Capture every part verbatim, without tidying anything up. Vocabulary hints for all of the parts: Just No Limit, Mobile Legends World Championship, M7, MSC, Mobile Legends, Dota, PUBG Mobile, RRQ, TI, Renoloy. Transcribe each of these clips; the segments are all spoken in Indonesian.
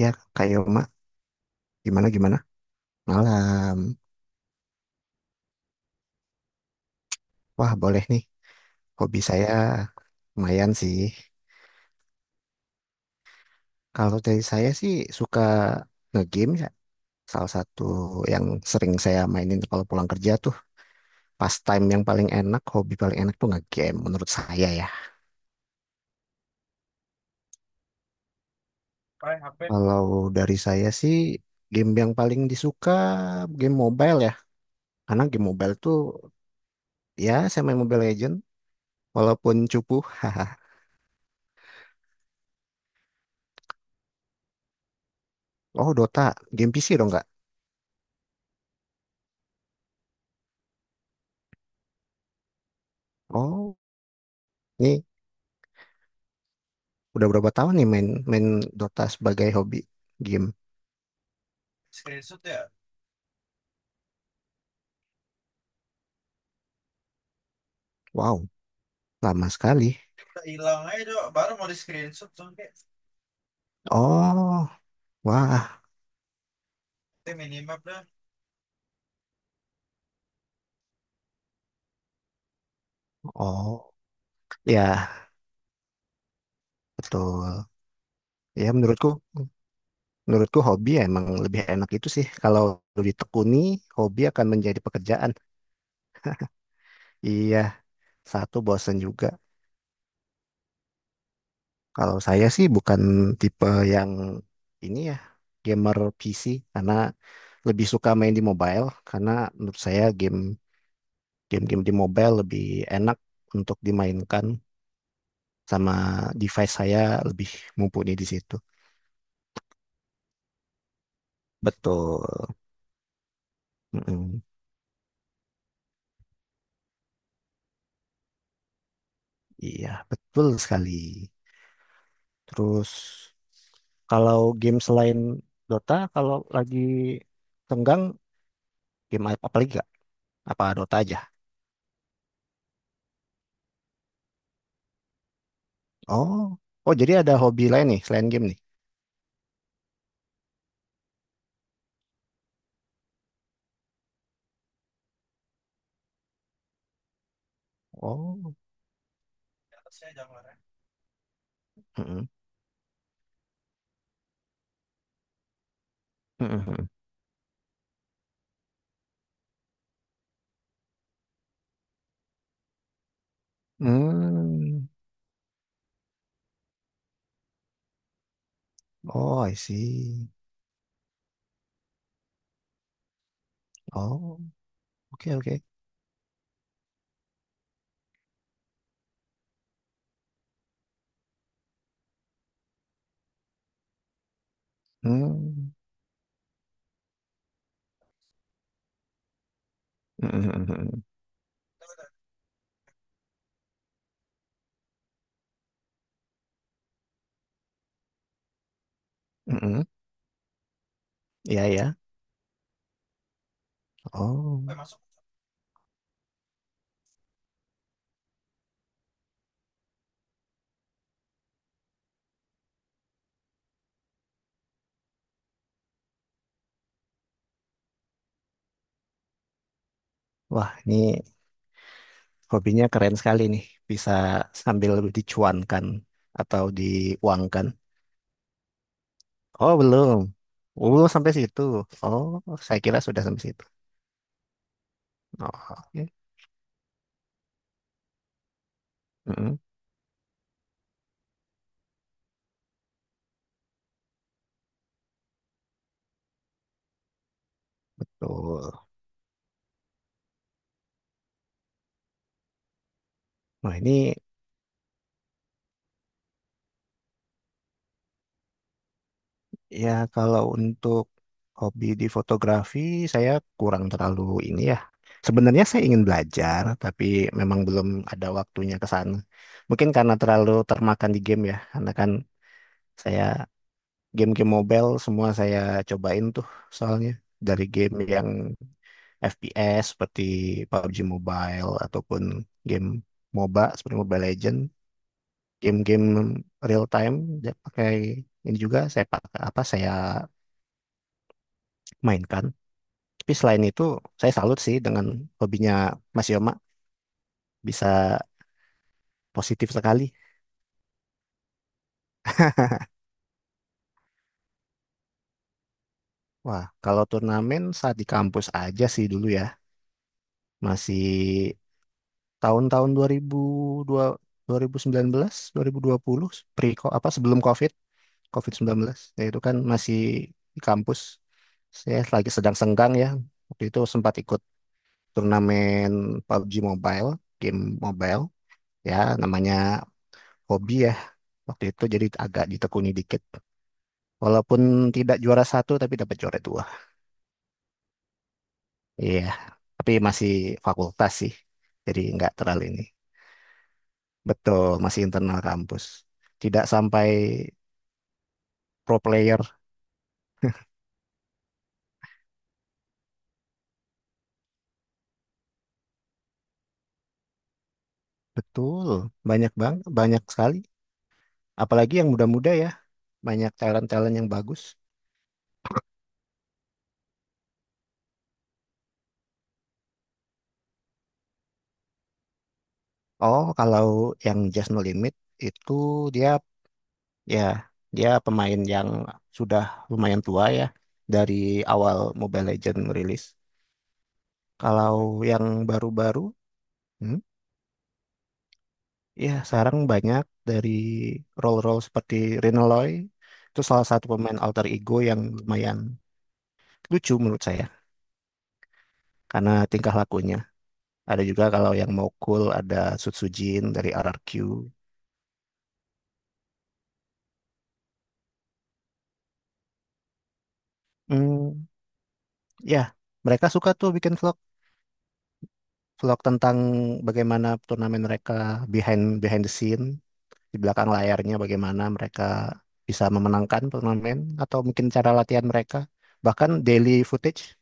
Ya, Kak Yoma, gimana gimana? Malam. Wah, boleh nih. Hobi saya lumayan sih. Kalau dari saya sih suka nge-game ya. Salah satu yang sering saya mainin kalau pulang kerja tuh pastime yang paling enak, hobi paling enak tuh nge-game menurut saya ya. Kalau dari saya sih game yang paling disuka game mobile ya. Karena game mobile tuh ya saya main Mobile Legend walaupun cupu. Oh, Dota, game P C dong nggak? Oh, ini udah berapa tahun nih main main Dota sebagai hobi game? Wow, lama sekali. Oh, wah, oh, ya betul. Ya menurutku, menurutku hobi ya emang lebih enak itu sih. Kalau ditekuni, hobi akan menjadi pekerjaan. Iya, satu bosen juga. Kalau saya sih bukan tipe yang ini ya, gamer P C karena lebih suka main di mobile karena menurut saya game game-game di mobile lebih enak untuk dimainkan sama device saya lebih mumpuni di situ. Betul. Mm-mm. Iya, betul sekali. Terus kalau game selain Dota, kalau lagi tenggang game apa apa lagi gak? Apa Dota aja? Oh, oh jadi ada hobi lain nih selain game nih. Oh, mm-mm. Mm-mm. Hmm. Oh, I see. Oh, oke oke. Hmm. Mm-mm. Mm-mm. Iya ya. Oh. Wah, ini hobinya keren sekali nih, bisa sambil dicuankan atau diuangkan. Oh, belum. Oh, belum sampai situ. Oh, saya kira sudah sampai situ. Oh, oke. Mm-mm. Tuh. Nah, ini ya kalau untuk hobi di fotografi, saya kurang terlalu ini ya. Sebenarnya saya ingin belajar, tapi memang belum ada waktunya ke sana. Mungkin karena terlalu termakan di game ya, karena kan saya game-game mobile semua saya cobain tuh soalnya dari game yang F P S seperti PUBG Mobile ataupun game MOBA seperti Mobile Legend, game-game real time dia pakai ini juga saya pakai apa saya mainkan. Tapi selain itu saya salut sih dengan hobinya Mas Yoma bisa positif sekali. Wah, kalau turnamen saat di kampus aja sih dulu ya. Masih tahun-tahun dua ribu dua dua ribu sembilan belas dua ribu dua puluh pre apa sebelum COVID COVID-19 ya itu kan masih di kampus, saya lagi sedang senggang ya waktu itu sempat ikut turnamen PUBG Mobile game mobile ya, namanya hobi ya waktu itu jadi agak ditekuni dikit, walaupun tidak juara satu tapi dapat juara dua. Iya, tapi masih fakultas sih jadi nggak terlalu ini, betul masih internal kampus tidak sampai pro player. Betul, banyak bang, banyak sekali. Apalagi yang muda-muda ya, banyak talent-talent yang bagus. Oh, kalau yang Just No Limit itu dia ya dia pemain yang sudah lumayan tua ya, dari awal Mobile Legends rilis. Kalau yang baru-baru, hmm, ya sekarang banyak dari role-role seperti Renoloy, itu salah satu pemain alter ego yang lumayan lucu menurut saya karena tingkah lakunya. Ada juga kalau yang mau cool ada Sutsujin dari R R Q. Hmm, ya, mereka suka tuh bikin vlog, vlog tentang bagaimana turnamen mereka, behind behind the scene, di belakang layarnya bagaimana mereka bisa memenangkan turnamen atau mungkin cara latihan mereka, bahkan daily footage,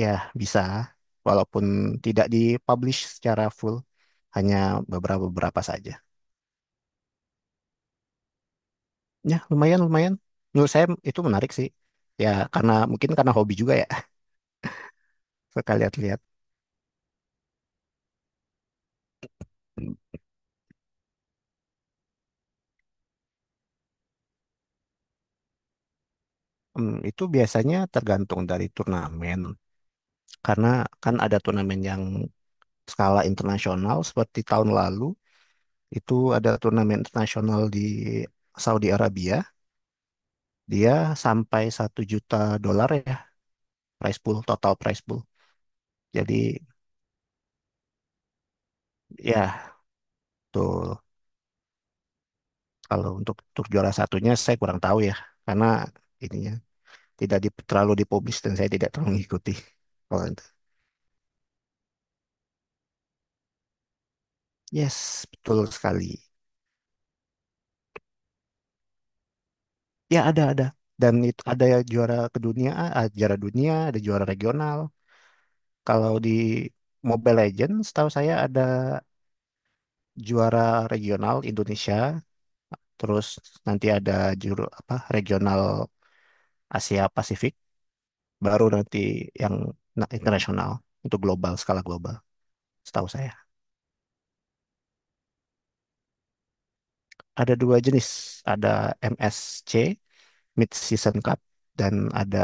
ya bisa, walaupun tidak dipublish secara full, hanya beberapa beberapa saja. Ya, lumayan lumayan. Menurut saya itu menarik sih. Ya, karena mungkin karena hobi juga ya. Suka lihat-lihat. Hmm, itu biasanya tergantung dari turnamen, karena kan ada turnamen yang skala internasional, seperti tahun lalu itu ada turnamen internasional di Saudi Arabia, dia sampai satu juta dolar ya, prize pool, total prize pool. Jadi ya tuh kalau untuk untuk juara satunya saya kurang tahu ya, karena ininya tidak di, terlalu dipublis dan saya tidak terlalu mengikuti. Kalau itu. Yes, betul sekali. Ya ada ada dan itu ada ya juara kedunia, ah, juara dunia, ada juara regional. Kalau di Mobile Legends, setahu saya ada juara regional Indonesia, terus nanti ada juru apa regional Asia Pasifik, baru nanti yang na- internasional untuk global, skala global. Setahu saya ada dua jenis, ada M S C Mid Season Cup dan ada.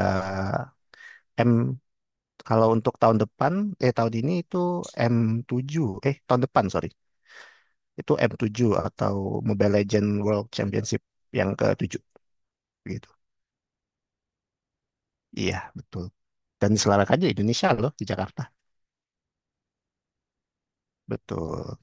Kalau untuk tahun depan, eh tahun ini itu m tujuh, eh tahun depan, sorry, itu m tujuh atau Mobile Legends World Championship yang ketujuh. Gitu. Iya, betul. Dan diselenggarakan aja di Indonesia loh, di Jakarta. Betul.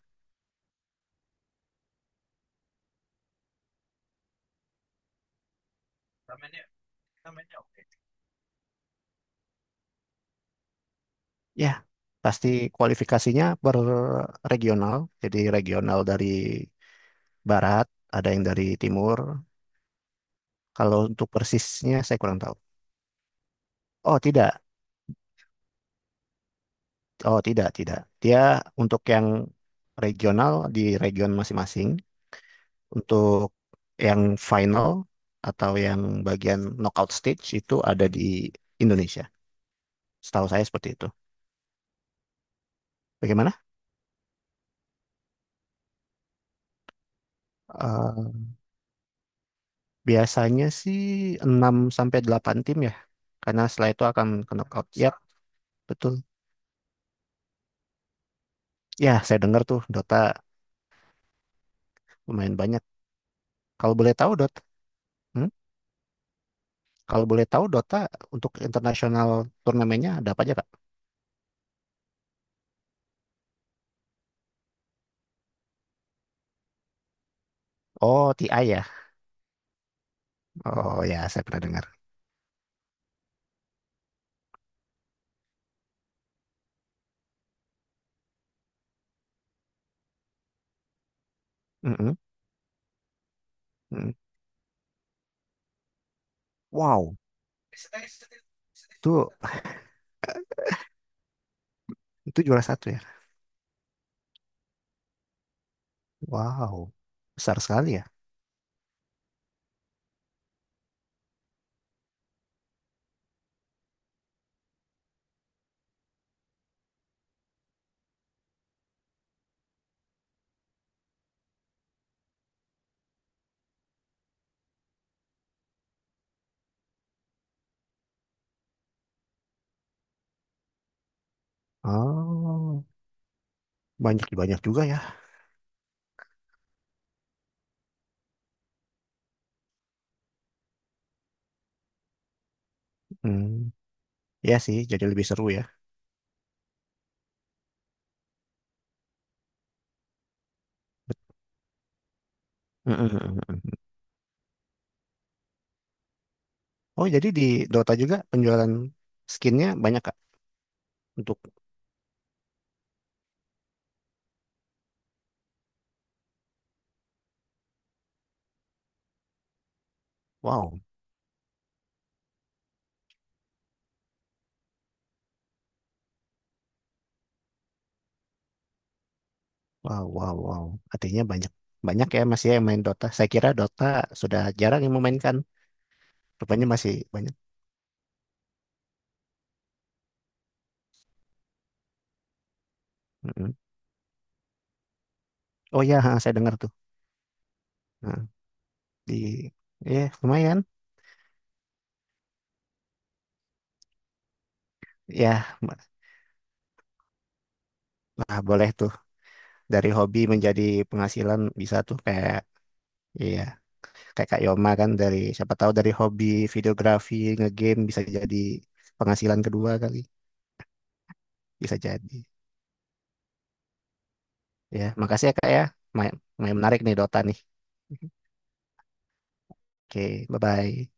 Ya, pasti kualifikasinya per regional, jadi regional dari barat, ada yang dari timur. Kalau untuk persisnya saya kurang tahu. Oh, tidak. Oh, tidak, tidak. Dia untuk yang regional di region masing-masing. Untuk yang final atau yang bagian knockout stage itu ada di Indonesia. Setahu saya seperti itu. Bagaimana? Eh, biasanya sih enam sampai delapan tim ya. Karena setelah itu akan ke knockout. Yap, betul. Ya, saya dengar tuh Dota lumayan banyak. Kalau boleh tahu Dota, hmm? Kalau boleh tahu Dota untuk internasional turnamennya ada apa aja, Kak? Oh, T I ya. Oh ya, saya pernah dengar. Mm-mm, mm-mm. Wow, itu itu juara satu ya. Wow, besar sekali ya. Oh, banyak banyak juga ya. Hmm, ya sih, jadi lebih seru ya. Mm, mm, mm, mm. Oh, jadi di Dota juga penjualan skinnya banyak Kak? Untuk wow, wow, wow, wow. Artinya banyak banyak ya masih yang main Dota. Saya kira Dota sudah jarang yang memainkan. Rupanya masih banyak. Mm-mm. Oh ya, ha, saya dengar tuh. Nah, di ya lumayan. Ya, ma- nah boleh tuh dari hobi menjadi penghasilan bisa tuh kayak. Iya, kayak Kak Yoma kan dari siapa tahu dari hobi videografi ngegame bisa jadi penghasilan kedua kali, bisa jadi. Ya makasih ya Kak ya, main, main menarik nih Dota nih, oke, bye bye.